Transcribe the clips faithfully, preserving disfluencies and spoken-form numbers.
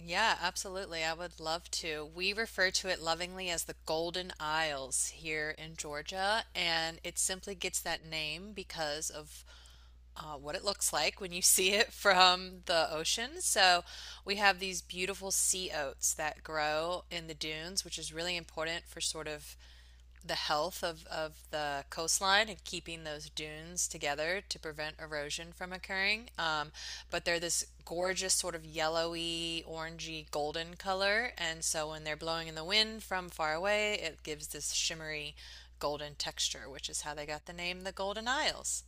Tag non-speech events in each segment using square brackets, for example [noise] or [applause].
Yeah, absolutely. I would love to. We refer to it lovingly as the Golden Isles here in Georgia, and it simply gets that name because of uh, what it looks like when you [laughs] see it from the ocean. So we have these beautiful sea oats that grow in the dunes, which is really important for sort of the health of, of the coastline and keeping those dunes together to prevent erosion from occurring. Um, but they're this gorgeous sort of yellowy, orangey, golden color. And so when they're blowing in the wind from far away, it gives this shimmery golden texture, which is how they got the name the Golden Isles.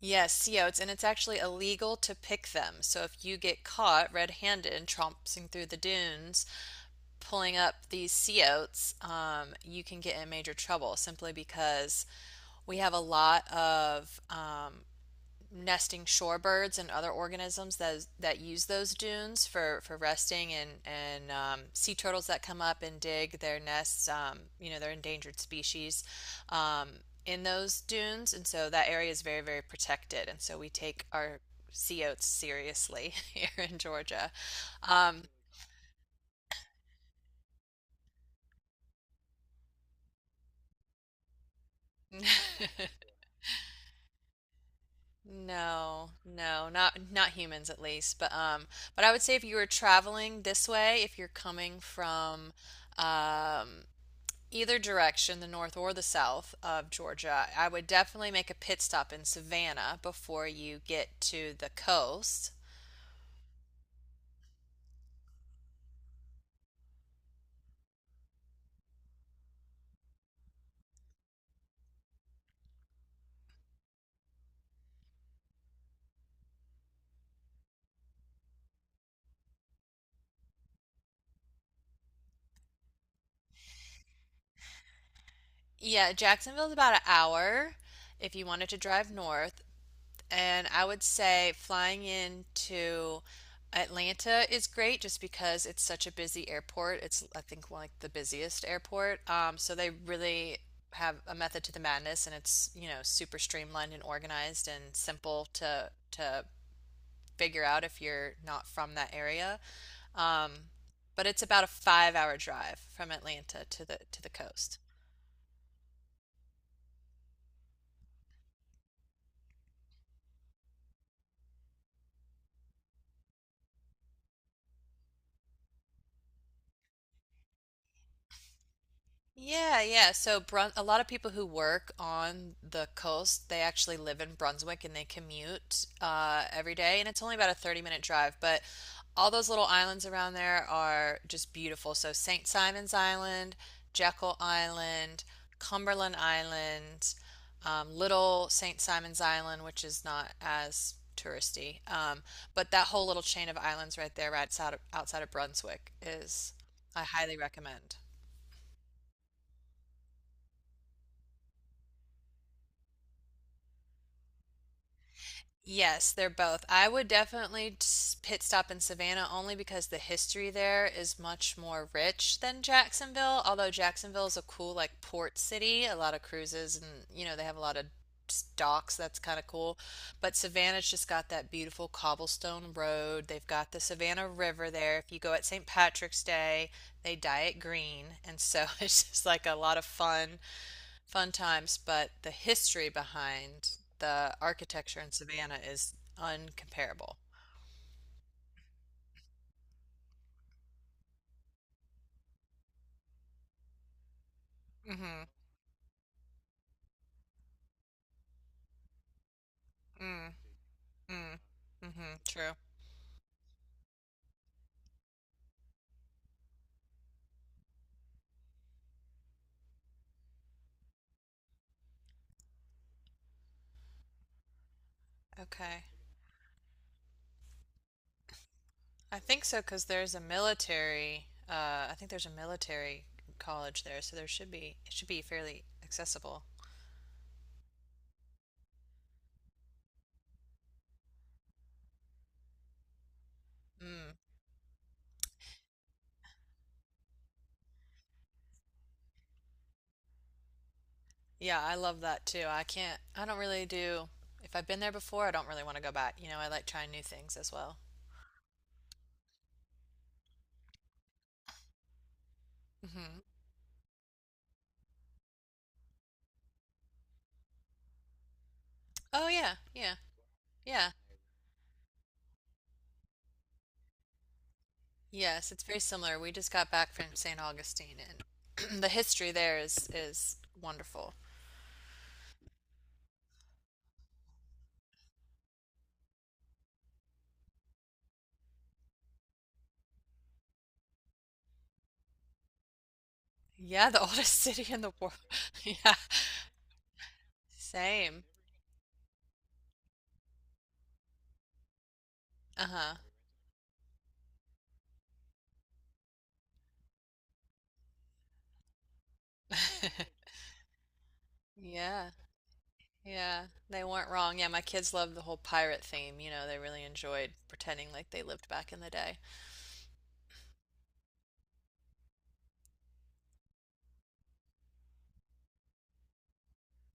Yes, sea oats, and it's actually illegal to pick them. So if you get caught red-handed tromping through the dunes, pulling up these sea oats, um, you can get in major trouble simply because we have a lot of um, nesting shorebirds and other organisms that that use those dunes for, for resting and and um, sea turtles that come up and dig their nests. Um, you know, they're endangered species. Um, in those dunes, and so that area is very, very protected. And so we take our sea oats seriously [laughs] here in Georgia. Um, [laughs] no, no, not not humans at least. But um, but I would say if you were traveling this way, if you're coming from um either direction, the north or the south of Georgia, I would definitely make a pit stop in Savannah before you get to the coast. Yeah, Jacksonville's about an hour if you wanted to drive north. And I would say flying into Atlanta is great just because it's such a busy airport. It's, I think, like the busiest airport. Um, so they really have a method to the madness, and it's, you know, super streamlined and organized and simple to to figure out if you're not from that area. Um, but it's about a five hour drive from Atlanta to the to the coast. Yeah, yeah. So Brun a lot of people who work on the coast, they actually live in Brunswick and they commute uh, every day, and it's only about a thirty minute drive, but all those little islands around there are just beautiful. So Saint Simon's Island, Jekyll Island, Cumberland Island, um, Little Saint Simon's Island, which is not as touristy, um, but that whole little chain of islands right there, right outside of, outside of Brunswick, is I highly recommend. Yes, they're both. I would definitely s- pit stop in Savannah only because the history there is much more rich than Jacksonville, although Jacksonville is a cool like port city, a lot of cruises and you know they have a lot of s- docks that's kind of cool. But Savannah's just got that beautiful cobblestone road. They've got the Savannah River there. If you go at Saint Patrick's Day, they dye it green, and so [laughs] it's just like a lot of fun fun times, but the history behind the architecture in Savannah is uncomparable. Mm-hmm. Mm, mm, mm-hmm. True. Okay. I think so because there's a military, uh, I think there's a military college there, so there should be, it should be fairly accessible. Mm. Yeah, I love that too. I can't, I don't really do, if I've been there before, I don't really want to go back. You know, I like trying new things as well. Mm-hmm. Oh, yeah, yeah, yeah. Yes, it's very similar. We just got back from Saint Augustine, and [clears throat] the history there is is wonderful. Yeah, the [laughs] oldest city in the world. [laughs] Yeah, same. Uh-huh. [laughs] Yeah, yeah. They weren't wrong. Yeah, my kids loved the whole pirate theme. You know, they really enjoyed pretending like they lived back in the day.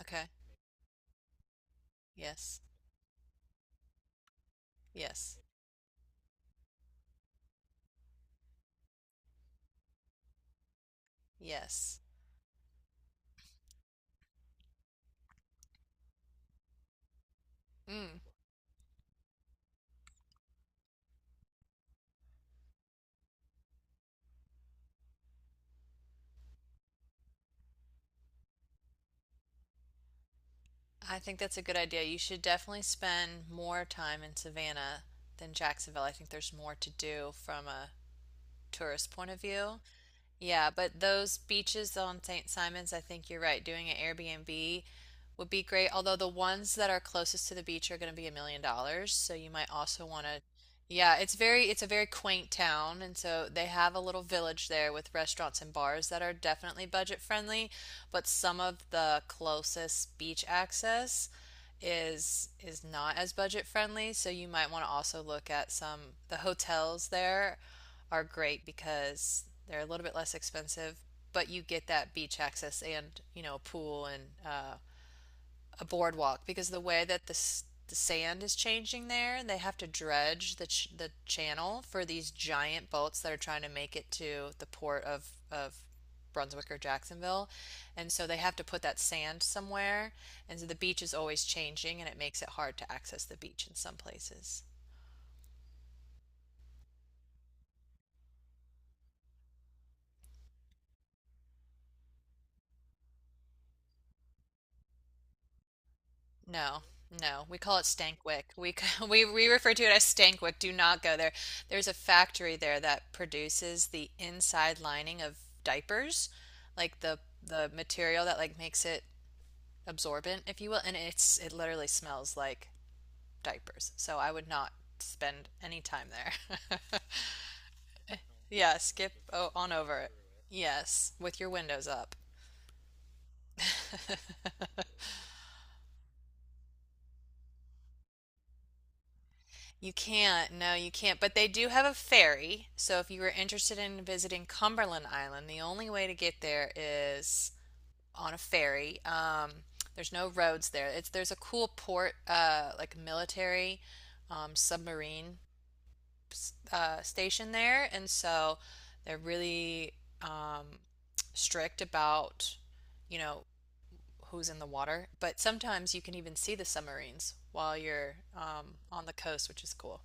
Okay. Yes. Yes. Yes. Mm. I think that's a good idea. You should definitely spend more time in Savannah than Jacksonville. I think there's more to do from a tourist point of view. Yeah, but those beaches on Saint Simon's, I think you're right. Doing an Airbnb would be great. Although the ones that are closest to the beach are going to be a million dollars, so you might also want to. Yeah, it's very it's a very quaint town, and so they have a little village there with restaurants and bars that are definitely budget friendly, but some of the closest beach access is is not as budget friendly, so you might want to also look at some the hotels there are great because they're a little bit less expensive, but you get that beach access and, you know, a pool and uh, a boardwalk because the way that the, the sand is changing there, they have to dredge the ch the channel for these giant boats that are trying to make it to the port of of Brunswick or Jacksonville. And so they have to put that sand somewhere. And so the beach is always changing and it makes it hard to access the beach in some places. No, no. We call it Stankwik. We c- [laughs] we we refer to it as Stankwik. Do not go there. There's a factory there that produces the inside lining of diapers, like the the material that like makes it absorbent, if you will, and it's it literally smells like diapers. So I would not spend any time there. [laughs] Yeah, skip o on over it. Yes, with your windows up. [laughs] You can't. No, you can't. But they do have a ferry. So if you were interested in visiting Cumberland Island, the only way to get there is on a ferry. Um, there's no roads there. It's there's a cool port, uh, like military um, submarine uh, station there, and so they're really um, strict about, you know, who's in the water. But sometimes you can even see the submarines while you're um, on the coast, which is cool.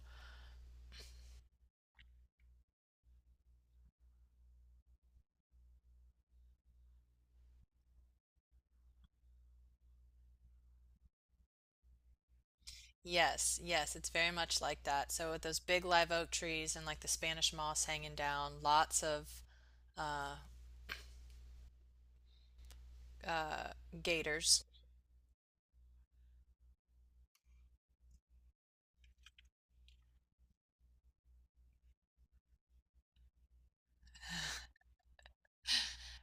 Yes, yes, it's very much like that. So with those big live oak trees and like the Spanish moss hanging down, lots of uh, uh, gators.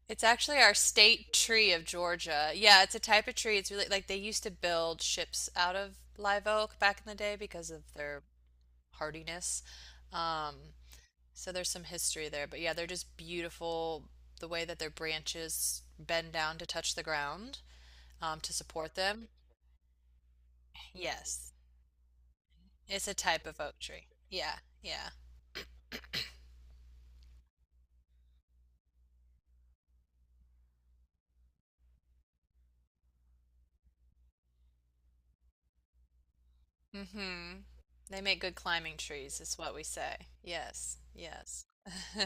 It's actually our state tree of Georgia. Yeah, it's a type of tree. It's really like they used to build ships out of live oak back in the day because of their hardiness. Um, so there's some history there, but yeah, they're just beautiful. The way that their branches bend down to touch the ground um, to support them. Yes. It's a type of oak tree. Yeah, yeah. Mm-hmm. They make good climbing trees, is what we say. Yes, yes. [laughs]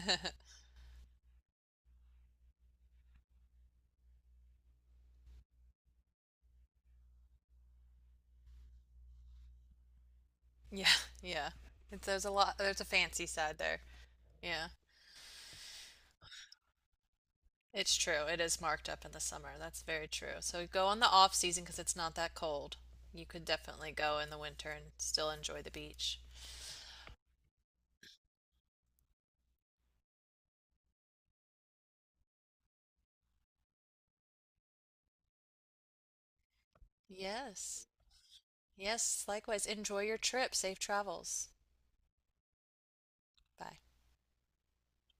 Yeah, yeah. It's, there's a lot, there's a fancy side there. Yeah, it's true. It is marked up in the summer. That's very true. So go on the off season because it's not that cold. You could definitely go in the winter and still enjoy the beach. Yes, yes. Likewise, enjoy your trip. Safe travels. Bye.